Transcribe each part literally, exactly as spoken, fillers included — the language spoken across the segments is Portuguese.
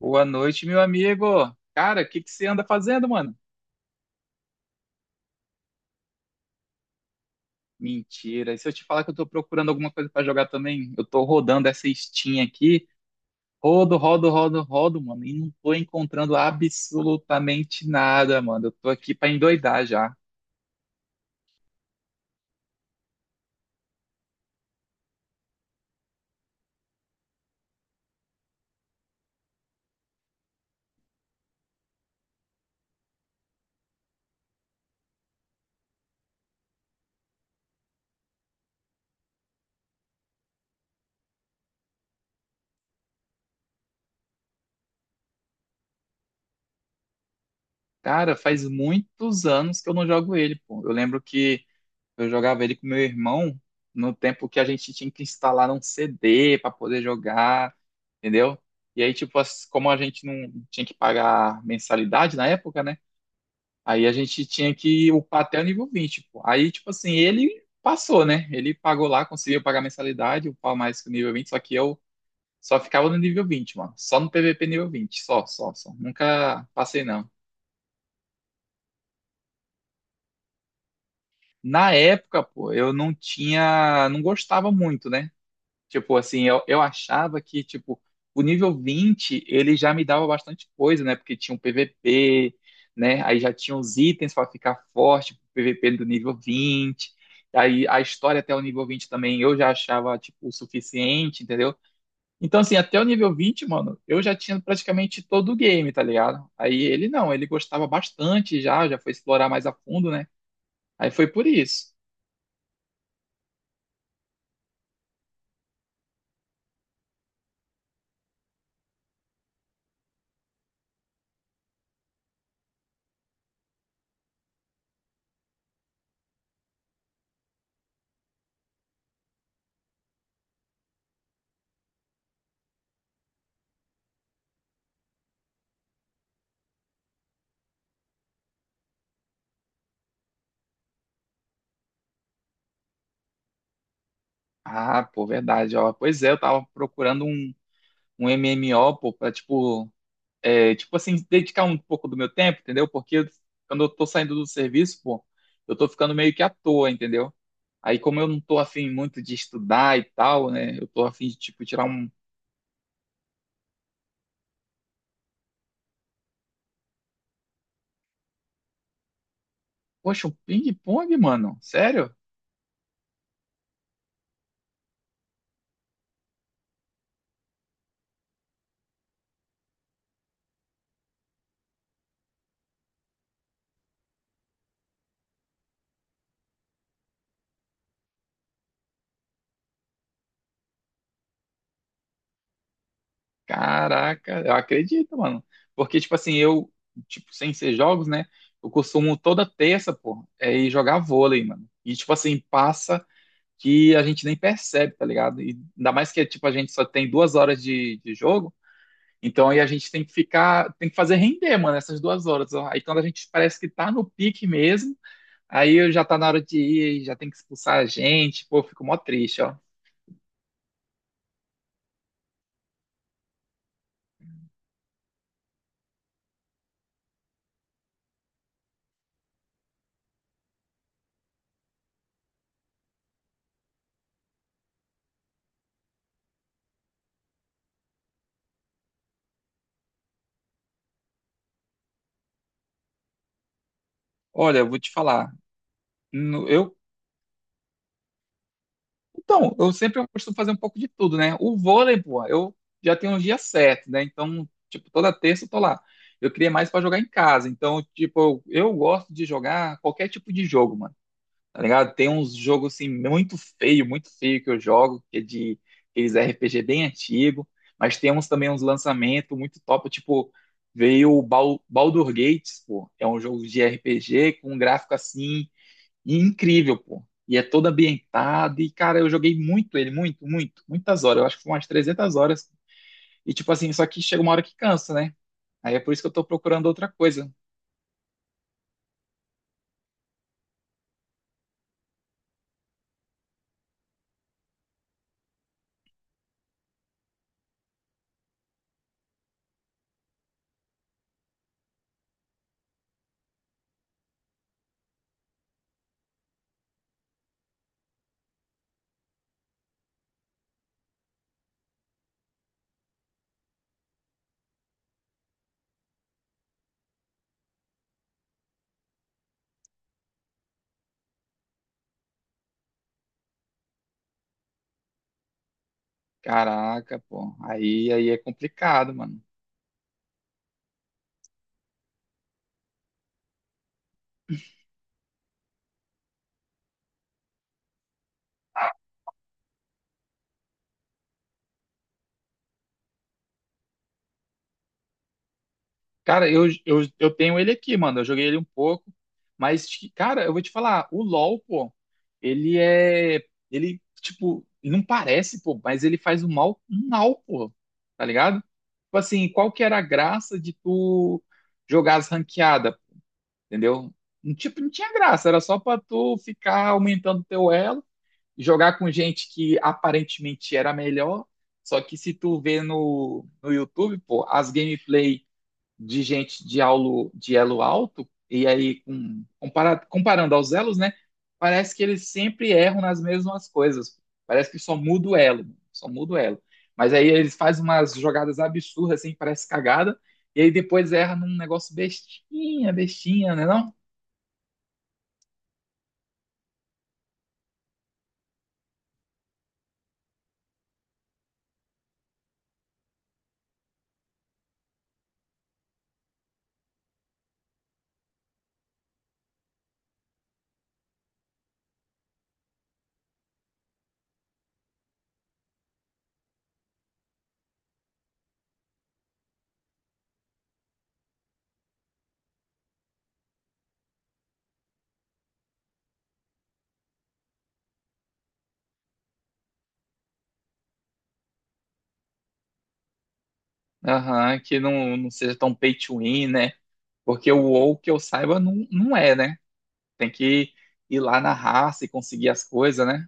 Boa noite, meu amigo. Cara, o que que você anda fazendo, mano? Mentira. E se eu te falar que eu tô procurando alguma coisa pra jogar também? Eu tô rodando essa Steam aqui. Rodo, rodo, rodo, rodo, mano. E não tô encontrando absolutamente nada, mano. Eu tô aqui pra endoidar já. Cara, faz muitos anos que eu não jogo ele, pô. Eu lembro que eu jogava ele com meu irmão no tempo que a gente tinha que instalar um C D para poder jogar, entendeu? E aí, tipo, as- como a gente não tinha que pagar mensalidade na época, né? Aí a gente tinha que upar até o nível vinte pô. Aí, tipo assim, ele passou, né? Ele pagou lá, conseguiu pagar mensalidade, upar mais que o nível vinte, só que eu só ficava no nível vinte, mano. Só no P V P nível vinte, só, só, só. Nunca passei, não. Na época, pô, eu não tinha, não gostava muito, né? Tipo assim, eu, eu achava que, tipo, o nível vinte ele já me dava bastante coisa, né? Porque tinha um P V P, né? Aí já tinha os itens para ficar forte, pro P V P do nível vinte. Aí a história até o nível vinte também eu já achava, tipo, o suficiente, entendeu? Então, assim, até o nível vinte, mano, eu já tinha praticamente todo o game, tá ligado? Aí ele não, ele gostava bastante, já, já foi explorar mais a fundo, né? Aí foi por isso. Ah, pô, verdade, ó. Pois é, eu tava procurando um um M M O, pô, pra, tipo, é, tipo assim, dedicar um pouco do meu tempo, entendeu? Porque quando eu tô saindo do serviço, pô, eu tô ficando meio que à toa, entendeu? Aí, como eu não tô afim muito de estudar e tal, né? Eu tô afim de, tipo, tirar um. Poxa, um ping-pong, mano? Sério? Caraca, eu acredito, mano. Porque, tipo assim, eu, tipo, sem ser jogos, né? Eu costumo toda terça, pô, é ir jogar vôlei, mano. E, tipo assim, passa que a gente nem percebe, tá ligado? E ainda mais que tipo a gente só tem duas horas de, de jogo, então aí a gente tem que ficar, tem que fazer render, mano, essas duas horas, ó. Aí quando a gente parece que tá no pique mesmo, aí já tá na hora de ir, aí já tem que expulsar a gente, pô, eu fico mó triste, ó. Olha, eu vou te falar, no- eu, então, eu sempre costumo fazer um pouco de tudo, né? O vôlei, pô, eu já tenho uns dias certos, né? Então, tipo, toda terça eu tô lá. Eu queria mais pra jogar em casa, então, tipo, eu, eu gosto de jogar qualquer tipo de jogo, mano. Tá ligado? Tem uns jogos assim muito feio, muito feio que eu jogo, que é de aqueles R P G bem antigo, mas tem uns também uns lançamentos muito top, tipo, veio o Bal- Baldur Gates, pô, é um jogo de R P G com um gráfico assim incrível, pô. E é todo ambientado, e cara, eu joguei muito ele, muito, muito, muitas horas, eu acho que foi umas trezentas horas. E tipo assim, só que chega uma hora que cansa, né? Aí é por isso que eu tô procurando outra coisa. Caraca, pô, aí, aí é complicado, mano. Cara, eu, eu, eu tenho ele aqui, mano. Eu joguei ele um pouco, mas, cara, eu vou te falar, o LoL, pô, ele é. Ele, tipo, não parece, pô, mas ele faz um mal, um mal, pô, tá ligado? Tipo assim, qual que era a graça de tu jogar as ranqueadas, entendeu? Não, tipo, não tinha graça, era só pra tu ficar aumentando teu elo, jogar com gente que aparentemente era melhor, só que se tu vê no, no YouTube, pô, as gameplays de gente de, aulo, de elo alto, e aí com, comparado, comparando aos elos, né? Parece que eles sempre erram nas mesmas coisas. Parece que só muda o elo, só muda o elo. Mas aí eles fazem umas jogadas absurdas, assim, parece cagada, e aí depois erra num negócio bestinha, bestinha, né não? Aham, que não, não seja tão pay to win, né? Porque o WoW, que eu saiba, não, não é, né? Tem que ir lá na raça e conseguir as coisas, né?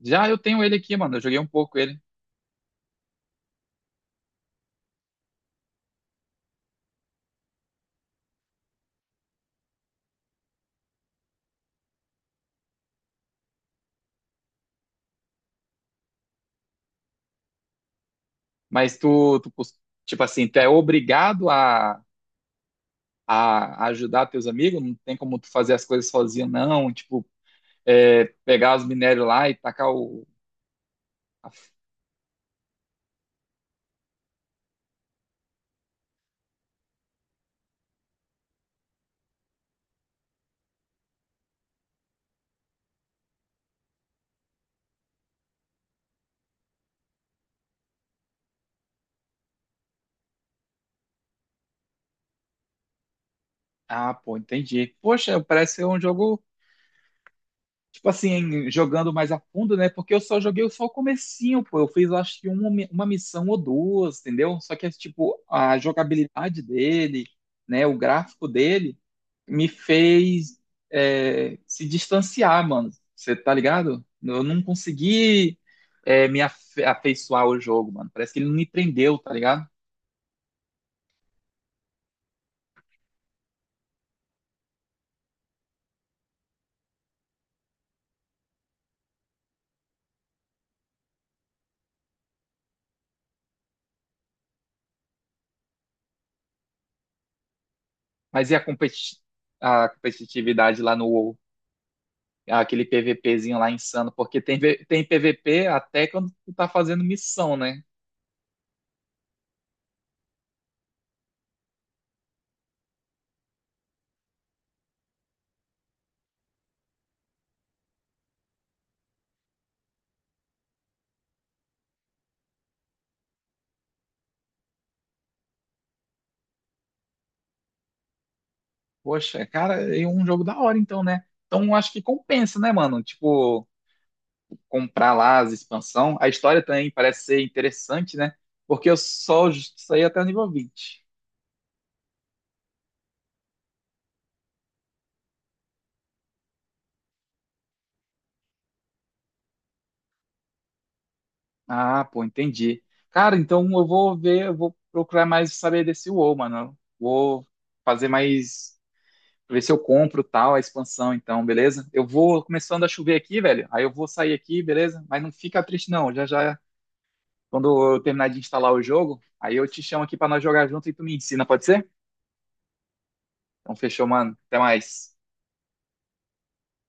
Já eu tenho ele aqui, mano. Eu joguei um pouco ele. Mas tu, tu, tipo assim, tu é obrigado a, a ajudar teus amigos? Não tem como tu fazer as coisas sozinho, não? Tipo, é, pegar os minérios lá e tacar o... Ah, pô, entendi. Poxa, parece ser um jogo, tipo assim, jogando mais a fundo, né? Porque eu só joguei só o comecinho, pô. Eu fiz, eu acho que uma, mi- uma missão ou duas, entendeu? Só que, é, tipo, a jogabilidade dele, né? O gráfico dele me fez, é, se distanciar, mano. Você tá ligado? Eu não consegui, é, me afe- afeiçoar ao jogo, mano. Parece que ele não me prendeu, tá ligado? Mas e a, competi- a competitividade lá no WoW? Aquele PVPzinho lá insano, porque tem, V- tem P V P até quando tu tá fazendo missão, né? Poxa, cara, é um jogo da hora, então, né? Então acho que compensa, né, mano? Tipo, comprar lá as expansão. A história também parece ser interessante, né? Porque eu só saí até o nível vinte. Ah, pô, entendi. Cara, então eu vou ver, eu vou procurar mais saber desse WoW, mano. Vou fazer mais, ver se eu compro tal a expansão, então, beleza? Eu vou começando a chover aqui, velho. Aí eu vou sair aqui, beleza? Mas não fica triste não. Já já quando eu terminar de instalar o jogo, aí eu te chamo aqui pra nós jogar junto e tu me ensina, pode ser? Então fechou, mano. Até mais.